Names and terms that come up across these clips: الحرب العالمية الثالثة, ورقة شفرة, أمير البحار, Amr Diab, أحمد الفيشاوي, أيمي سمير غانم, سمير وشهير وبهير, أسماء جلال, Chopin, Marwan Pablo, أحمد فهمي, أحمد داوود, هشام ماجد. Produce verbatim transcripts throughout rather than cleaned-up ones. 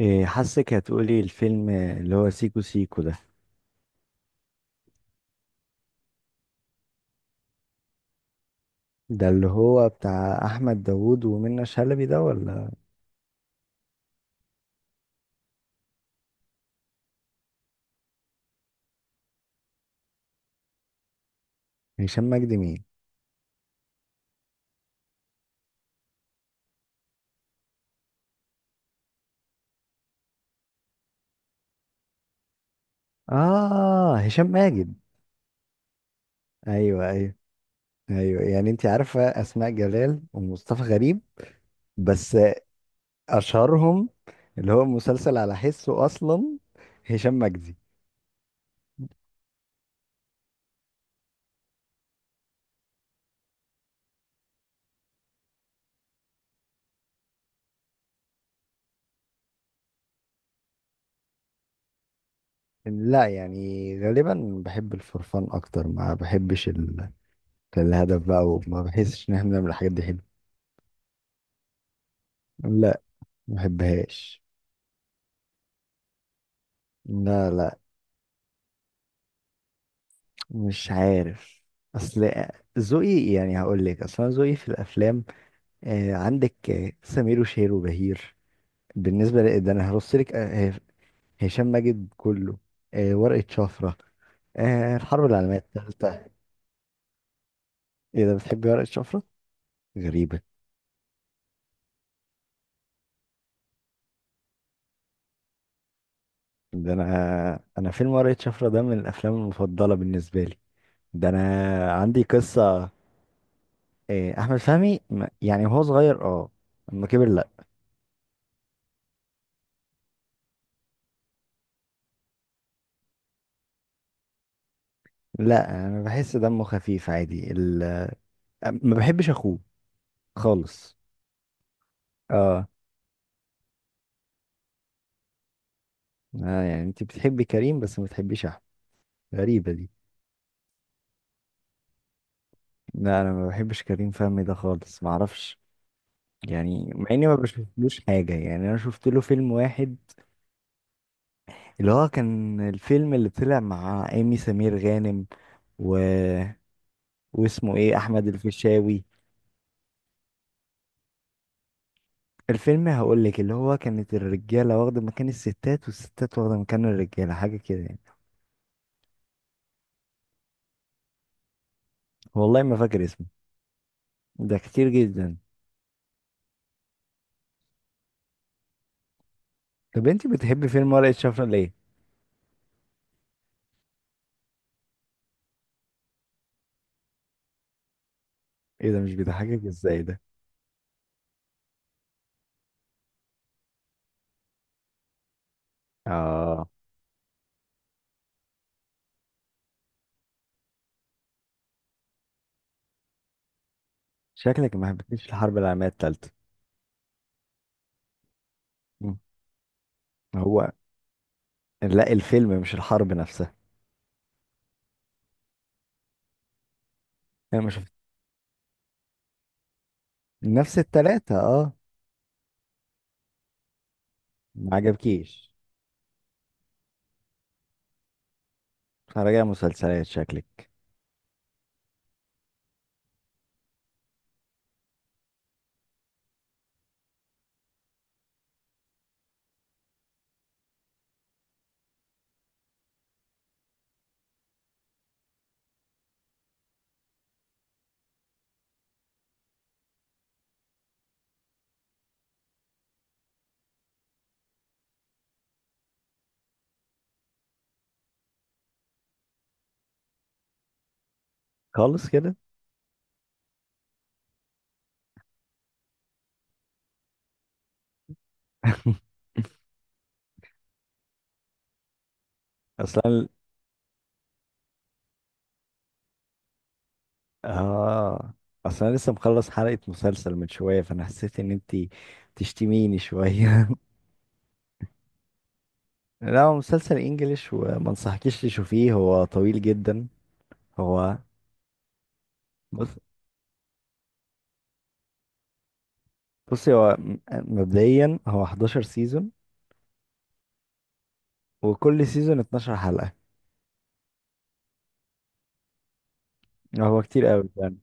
إيه، حاسك هتقولي الفيلم اللي هو سيكو سيكو ده ده اللي هو بتاع احمد داوود ومنى شلبي ده ولا؟ هشام مجدي مين؟ اه، هشام ماجد. ايوه ايوه ايوه، يعني انت عارفه اسماء جلال ومصطفى غريب بس، اشهرهم اللي هو مسلسل على حسه اصلا هشام مجدي. لا يعني، غالبا بحب الفرفان اكتر، ما بحبش ال- الهدف بقى، وما بحسش ان احنا بنعمل الحاجات دي حلو. لا، ما بحبهاش. لا لا، مش عارف. اصل ذوقي، يعني هقول لك، اصل أنا ذوقي في الافلام، آه عندك آه، سمير وشهير وبهير، بالنسبه ل- ده انا هرص لك. آه هشام ماجد كله، آه ورقه شفره، آه الحرب العالميه الثالثه. ايه ده، بتحبي ورقه شفره؟ غريبه. ده انا انا فيلم ورقه شفره ده من الافلام المفضله بالنسبه لي. ده انا عندي قصه. آه احمد فهمي ما- يعني وهو صغير اه، لما كبر لا. لا، انا بحس دمه خفيف عادي. ما بحبش اخوه خالص. اه. آه، يعني انت بتحبي كريم بس ما بتحبيش احمد؟ غريبة دي. لا، انا ما بحبش كريم فهمي ده خالص، ما اعرفش. يعني مع اني ما بشوفلوش حاجة، يعني انا شفت له فيلم واحد، اللي هو كان الفيلم اللي طلع مع ايمي سمير غانم و... واسمه ايه، احمد الفيشاوي. الفيلم هقول لك، اللي هو كانت الرجالة واخدة مكان الستات والستات واخدة مكان الرجالة، حاجة كده يعني. والله ما فاكر اسمه. ده كتير جدا. طب انت بتحبي فيلم ورقة شفرة ليه؟ ايه ده، مش بيضحكك ازاي ده؟ اه. شكلك ما حبيتنيش الحرب العالميه الثالثه. هو لا، الفيلم مش الحرب نفسها. انا ما شفت. نفس التلاتة اه. ما عجبكيش. راجع مسلسلات شكلك. خالص كده. اصلا اه، اصلا لسه مخلص حلقة مسلسل من شوية، فانا حسيت ان انتي تشتميني شوية. لا، هو مسلسل انجليش، وما انصحكيش تشوفيه، هو طويل جدا. هو بص، بصي، هو م- مبدئيا هو حداشر سيزون، وكل سيزون اتناشر حلقة. هو كتير قوي فعلا.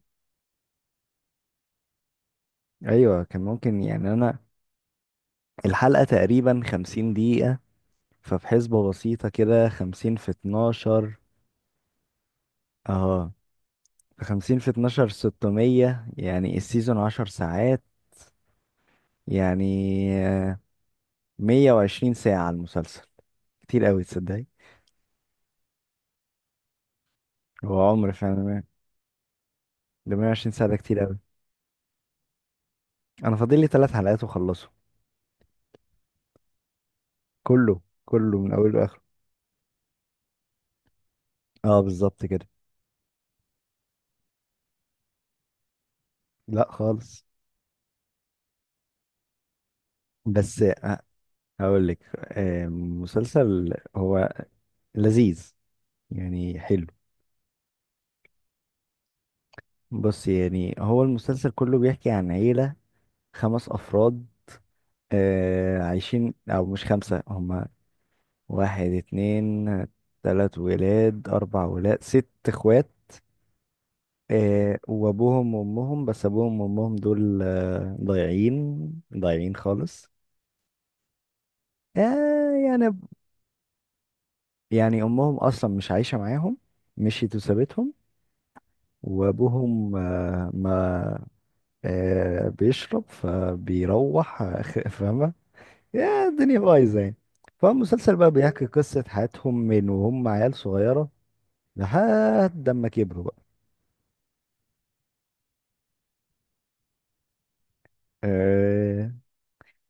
ايوه كان ممكن، يعني انا الحلقة تقريبا 50 دقيقة، فبحسبة بسيطة كده، خمسين في اتناشر في اتناشر اه، خمسين في اتناشر، ستمية، يعني السيزون 10 ساعات، يعني آه، 120 ساعة على المسلسل، كتير قوي تصدقي. هو عمر فعلا. ده 120 ساعة، ده كتير قوي. انا فاضل لي ثلاث حلقات واخلصه. كله كله من اوله لاخره. اه بالظبط كده. لا خالص. بس هقول لك، مسلسل هو لذيذ، يعني حلو. بص يعني، هو المسلسل كله بيحكي عن عيلة خمس أفراد. آه، عايشين، أو مش خمسة، هما واحد اتنين تلات ولاد أربع ولاد ست إخوات، آه، وأبوهم وأمهم، بس أبوهم وأمهم دول آه، ضايعين ضايعين خالص. آه، يعني يعني أمهم أصلا مش عايشة معاهم، مشيت وسابتهم. وابوهم آه، ما آه، بيشرب، فبيروح آخ- فاهمه، يا الدنيا بايظه يعني. فالمسلسل بقى بيحكي قصه حياتهم من وهم عيال صغيره لحد ما كبروا بقى. آه،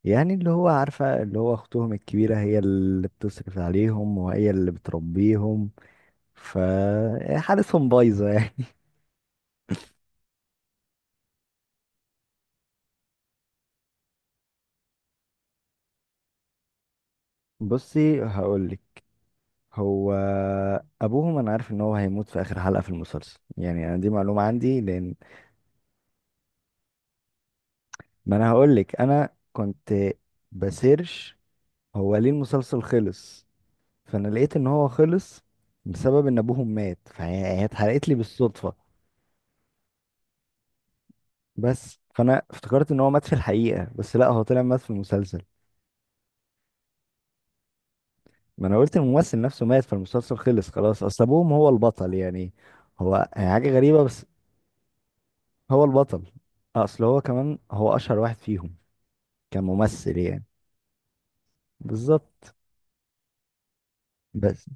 يعني اللي هو عارفه، اللي هو اختهم الكبيره هي اللي بتصرف عليهم وهي اللي بتربيهم. فحالتهم بايظه يعني. بصي هقولك، هو ابوهم انا عارف ان هو هيموت في اخر حلقه في المسلسل، يعني انا دي معلومه عندي لان، ما انا هقول لك، انا كنت بسيرش هو ليه المسلسل خلص، فانا لقيت ان هو خلص بسبب ان ابوهم مات، فهي هي اتحرقت لي بالصدفه. بس فانا افتكرت ان هو مات في الحقيقه، بس لا، هو طلع مات في المسلسل. ما انا قلت الممثل نفسه مات فالمسلسل خلص خلاص، اصل ابوهم هو البطل يعني. هو هي حاجه غريبه بس. هو البطل. اصل هو كمان هو اشهر واحد فيهم كممثل يعني. بالظبط. بس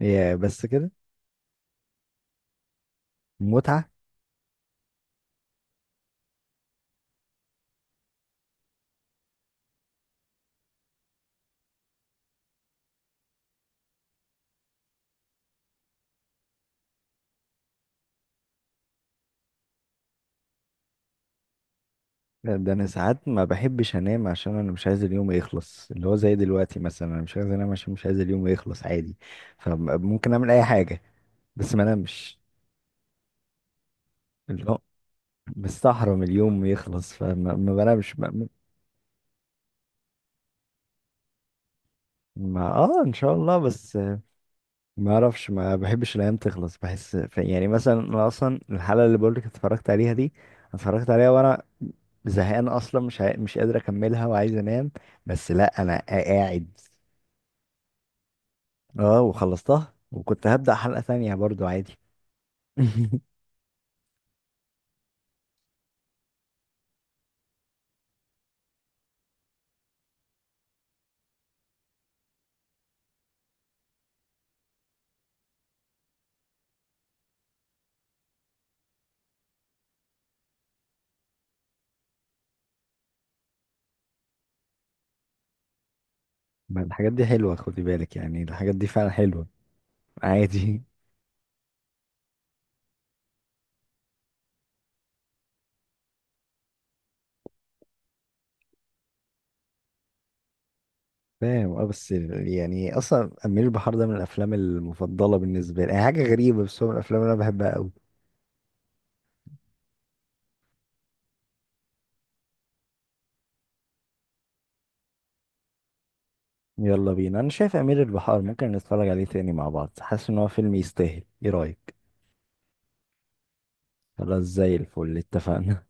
يا بس كده، متعه. ده انا ساعات ما بحبش انام، عشان انا مش عايز اليوم يخلص، اللي هو زي دلوقتي مثلا، انا مش عايز انام عشان مش عايز اليوم يخلص عادي. فممكن اعمل اي حاجه بس ما انامش. اللي هو مستحرم اليوم يخلص، فما ما بنامش ما, ما اه، ان شاء الله بس، ما اعرفش، ما بحبش الايام تخلص، بحس ف- يعني مثلا انا اصلا الحلقه اللي بقولك اتفرجت عليها دي، اتفرجت عليها وانا زهقان اصلا، مش عا... مش قادر اكملها، وعايز انام، بس لا انا قاعد. اه، وخلصتها، وكنت هبدأ حلقة ثانية برضو عادي. ما الحاجات دي حلوة، خدي بالك، يعني الحاجات دي فعلا حلوة. عادي. فاهم اه، بس يعني اصلا امير البحار ده من الافلام المفضلة بالنسبة لي، يعني حاجة غريبة بس هو من الافلام اللي انا بحبها قوي. يلا بينا، انا شايف امير البحار ممكن نتفرج عليه تاني مع بعض، حاسس ان هو فيلم يستاهل، ايه رأيك؟ خلاص زي الفل اتفقنا.